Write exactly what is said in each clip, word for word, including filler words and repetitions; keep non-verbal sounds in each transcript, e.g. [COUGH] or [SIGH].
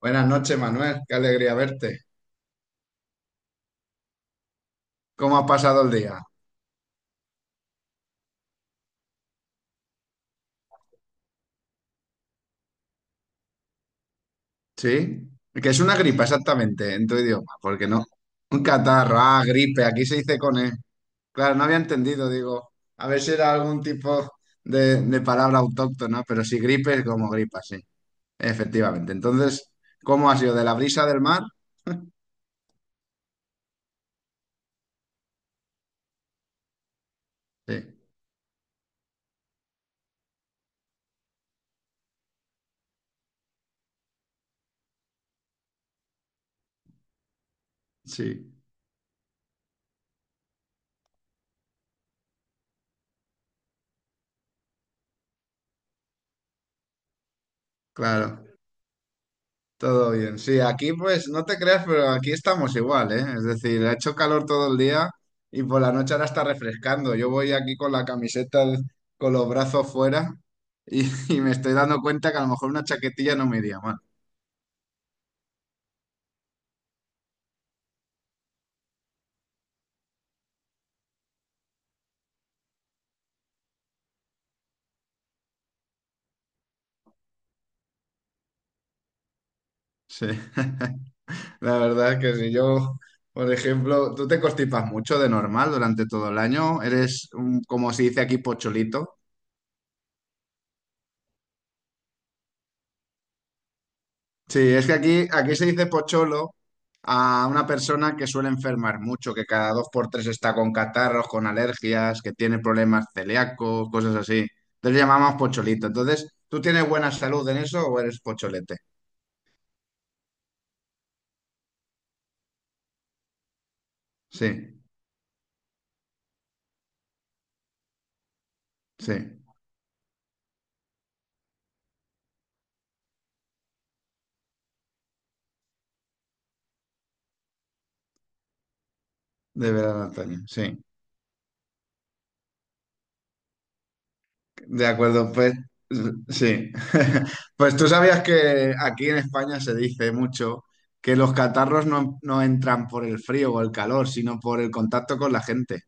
Buenas noches, Manuel. Qué alegría verte. ¿Cómo ha pasado el día? ¿Sí? Que es una gripa, exactamente, en tu idioma, porque no. Un catarro, ah, gripe, aquí se dice con E. Claro, no había entendido, digo. A ver si era algún tipo de, de palabra autóctona, pero si gripe es como gripa, sí, efectivamente. Entonces, ¿cómo ha sido? ¿De la brisa del mar? [LAUGHS] Sí, sí, claro. Todo bien. Sí, aquí pues no te creas, pero aquí estamos igual, ¿eh? Es decir, ha hecho calor todo el día y por la noche ahora está refrescando. Yo voy aquí con la camiseta al- con los brazos fuera y, [LAUGHS] y me estoy dando cuenta que a lo mejor una chaquetilla no me iría mal. Sí, [LAUGHS] la verdad es que si yo, por ejemplo, tú te constipas mucho de normal durante todo el año, eres un- como se dice aquí, pocholito. Sí, es que aquí, aquí se dice pocholo a una persona que suele enfermar mucho, que cada dos por tres está con catarros, con alergias, que tiene problemas celíacos, cosas así. Entonces le llamamos pocholito. Entonces, ¿tú tienes buena salud en eso o eres pocholete? Sí, sí, de verdad, Antonio, sí. De acuerdo, pues sí. [LAUGHS] Pues tú sabías que aquí en España se dice mucho que los catarros no, no entran por el frío o el calor, sino por el contacto con la gente.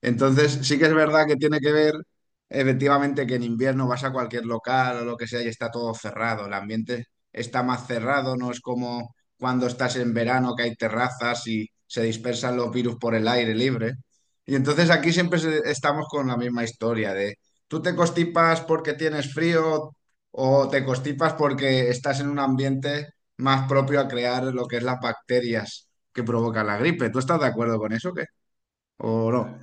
Entonces, sí que es verdad que tiene que ver, efectivamente, que en invierno vas a cualquier local o lo que sea y está todo cerrado. El ambiente está más cerrado, no es como cuando estás en verano que hay terrazas y se dispersan los virus por el aire libre. Y entonces aquí siempre se- estamos con la misma historia de tú te constipas porque tienes frío o te constipas porque estás en un ambiente más propio a crear lo que es las bacterias que provocan la gripe. ¿Tú estás de acuerdo con eso, o qué? ¿O no?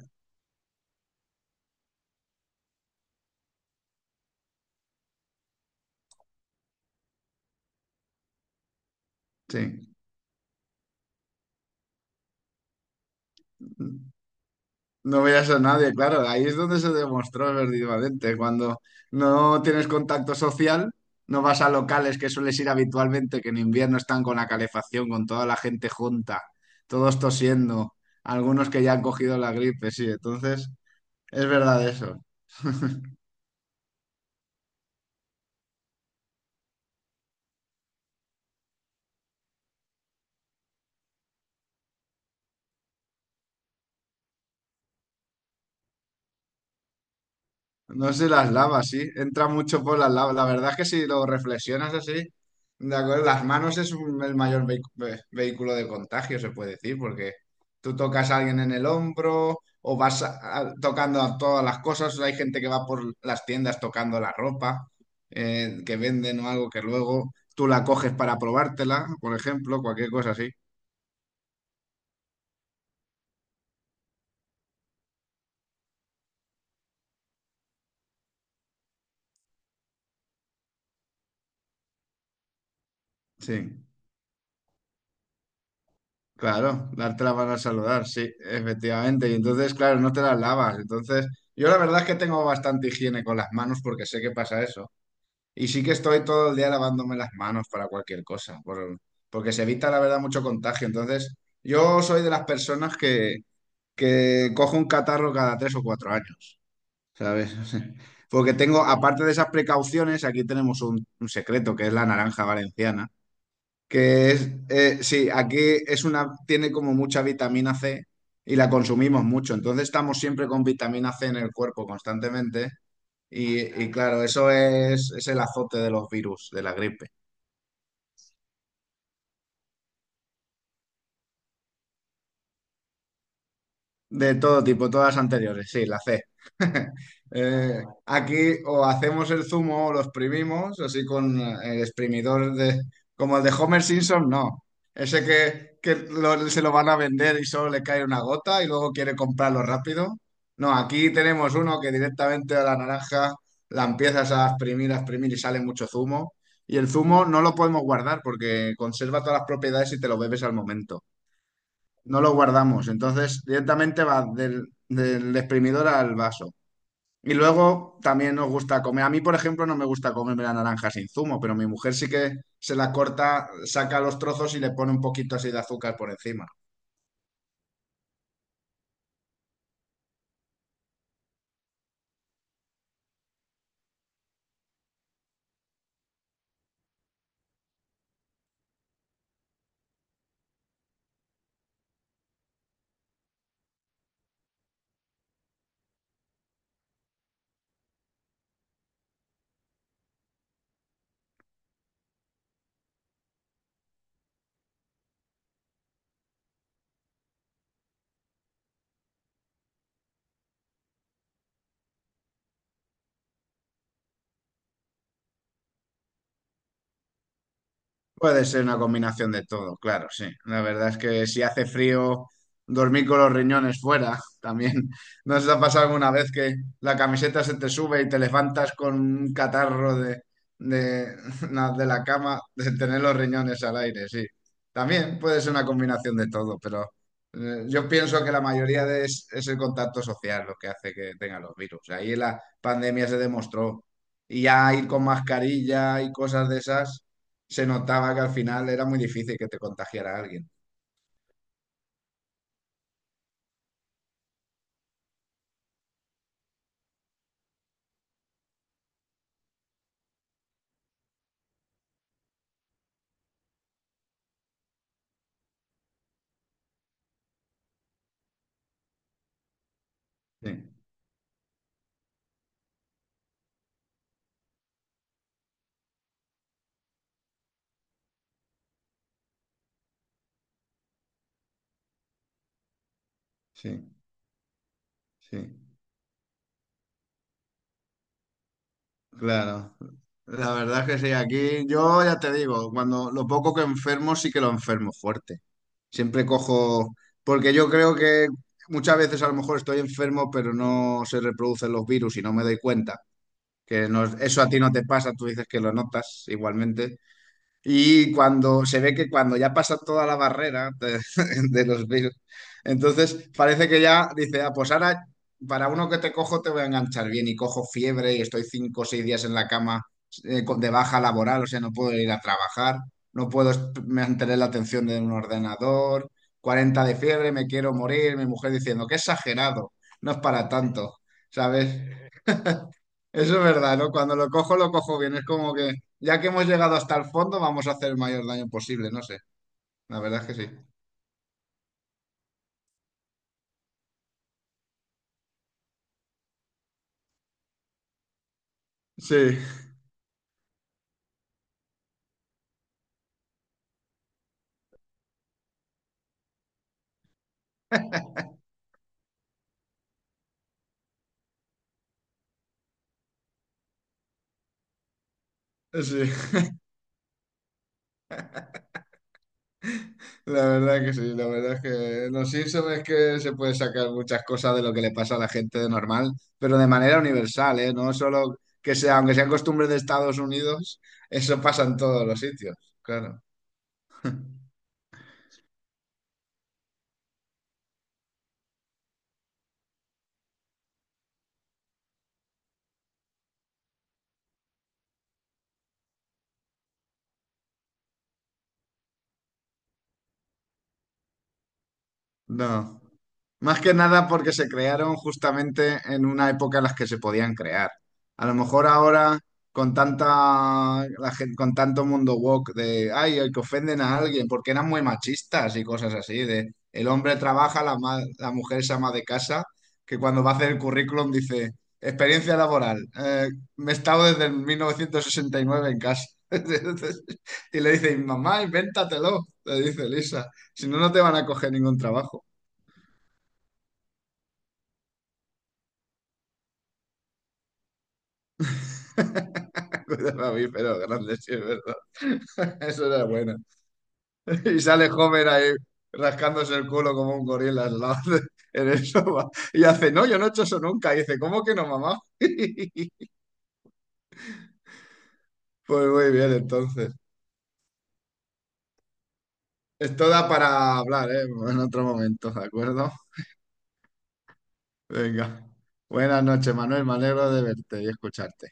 Sí. No veías a nadie, claro, ahí es donde se demostró efectivamente. Cuando no tienes contacto social, no vas a locales que sueles ir habitualmente, que en invierno están con la calefacción, con toda la gente junta, todos tosiendo, algunos que ya han cogido la gripe, sí, entonces es verdad eso. [LAUGHS] No sé si las lavas, sí. Entra mucho por las lavas. La verdad es que si lo reflexionas así, de acuerdo, las manos es un- el mayor vehi- ve- vehículo de contagio, se puede decir, porque tú tocas a alguien en el hombro o vas a- a- tocando a todas las cosas. Hay gente que va por las tiendas tocando la ropa eh, que venden o algo que luego tú la coges para probártela, por ejemplo, cualquier cosa así. Sí. Claro, darte la mano al saludar, sí, efectivamente. Y entonces, claro, no te las lavas. Entonces, yo la verdad es que tengo bastante higiene con las manos porque sé que pasa eso. Y sí que estoy todo el día lavándome las manos para cualquier cosa, por- porque se evita, la verdad, mucho contagio. Entonces, yo soy de las personas que, que cojo un catarro cada tres o cuatro años, ¿sabes? [LAUGHS] Porque tengo, aparte de esas precauciones, aquí tenemos un, un secreto que es la naranja valenciana. Que es, eh, sí, aquí es una, tiene como mucha vitamina C y la consumimos mucho. Entonces estamos siempre con vitamina C en el cuerpo constantemente. Y, y claro, eso es, es el azote de los virus, de la gripe. De todo tipo, todas anteriores, sí, la C. [LAUGHS] Eh, aquí o hacemos el zumo o lo exprimimos, así con eh, el exprimidor de, como el de Homer Simpson, no. Ese que, que lo- se lo van a vender y solo le cae una gota y luego quiere comprarlo rápido. No, aquí tenemos uno que directamente a la naranja la empiezas a exprimir, a exprimir y sale mucho zumo. Y el zumo no lo podemos guardar porque conserva todas las propiedades y te lo bebes al momento no lo guardamos. Entonces, directamente va del, del exprimidor al vaso. Y luego también nos gusta comer. A mí, por ejemplo, no me gusta comerme la naranja sin zumo, pero mi mujer sí que se la corta, saca los trozos y le pone un poquito así de azúcar por encima. Puede ser una combinación de todo, claro, sí. La verdad es que si hace frío, dormir con los riñones fuera también. [LAUGHS] ¿No se te ha pasado alguna vez que la camiseta se te sube y te levantas con un catarro de, de, [LAUGHS] na- de la cama de tener los riñones al aire? Sí. También puede ser una combinación de todo, pero eh, yo pienso que la mayoría de es, es el contacto social lo que hace que tengan los virus. Ahí la pandemia se demostró. Y ya ir con mascarilla y cosas de esas se notaba que al final era muy difícil que te contagiara alguien. Sí, sí, sí, claro. La verdad es que sí, aquí yo ya te digo, cuando lo poco que enfermo sí que lo enfermo fuerte. Siempre cojo, porque yo creo que muchas veces a lo mejor estoy enfermo, pero no se reproducen los virus y no me doy cuenta. Que no- eso a ti no te pasa, tú dices que lo notas igualmente. Y cuando se ve que cuando ya pasa toda la barrera de, [LAUGHS] de los Bills, entonces parece que ya dice, ah, pues ahora para uno que te cojo te voy a enganchar bien y cojo fiebre y estoy cinco o seis días en la cama eh, con- de baja laboral, o sea, no puedo ir a trabajar, no puedo est- mantener la atención de un ordenador, cuarenta de fiebre, me quiero morir, mi mujer diciendo, qué exagerado, no es para tanto, ¿sabes? Eso es verdad, ¿no? Cuando lo cojo, lo cojo bien. Es como que ya que hemos llegado hasta el fondo, vamos a hacer el mayor daño posible, no sé. La verdad es que sí. Sí, sí, la verdad que sí, la verdad es que los Simpsons es que se puede sacar muchas cosas de lo que le pasa a la gente de normal, pero de manera universal, ¿eh? No solo que sea, aunque sean costumbres de Estados Unidos, eso pasa en todos los sitios, claro. No. Más que nada porque se crearon justamente en una época en las que se podían crear. A lo mejor ahora con tanta la gen- con tanto mundo woke de ay, el que ofenden a alguien porque eran muy machistas y cosas así de el hombre trabaja, la ma- la mujer se ama de casa, que cuando va a hacer el currículum dice experiencia laboral, eh, me he estado desde el mil novecientos sesenta y nueve en casa. [LAUGHS] Y le dice, mamá, invéntatelo, le dice Lisa, si no, no te van a coger ningún trabajo. [LAUGHS] Cuidado a mí, pero gran leche, es verdad. [LAUGHS] Eso era bueno. Y sale Homer ahí rascándose el culo como un gorila al lado de- en el sofá. Y hace, no, yo no he hecho eso nunca. Y dice, ¿cómo que no, mamá? [LAUGHS] Pues muy bien, entonces. Esto da para hablar, ¿eh? En otro momento, ¿de acuerdo? Venga. Buenas noches, Manuel. Me alegro de verte y escucharte.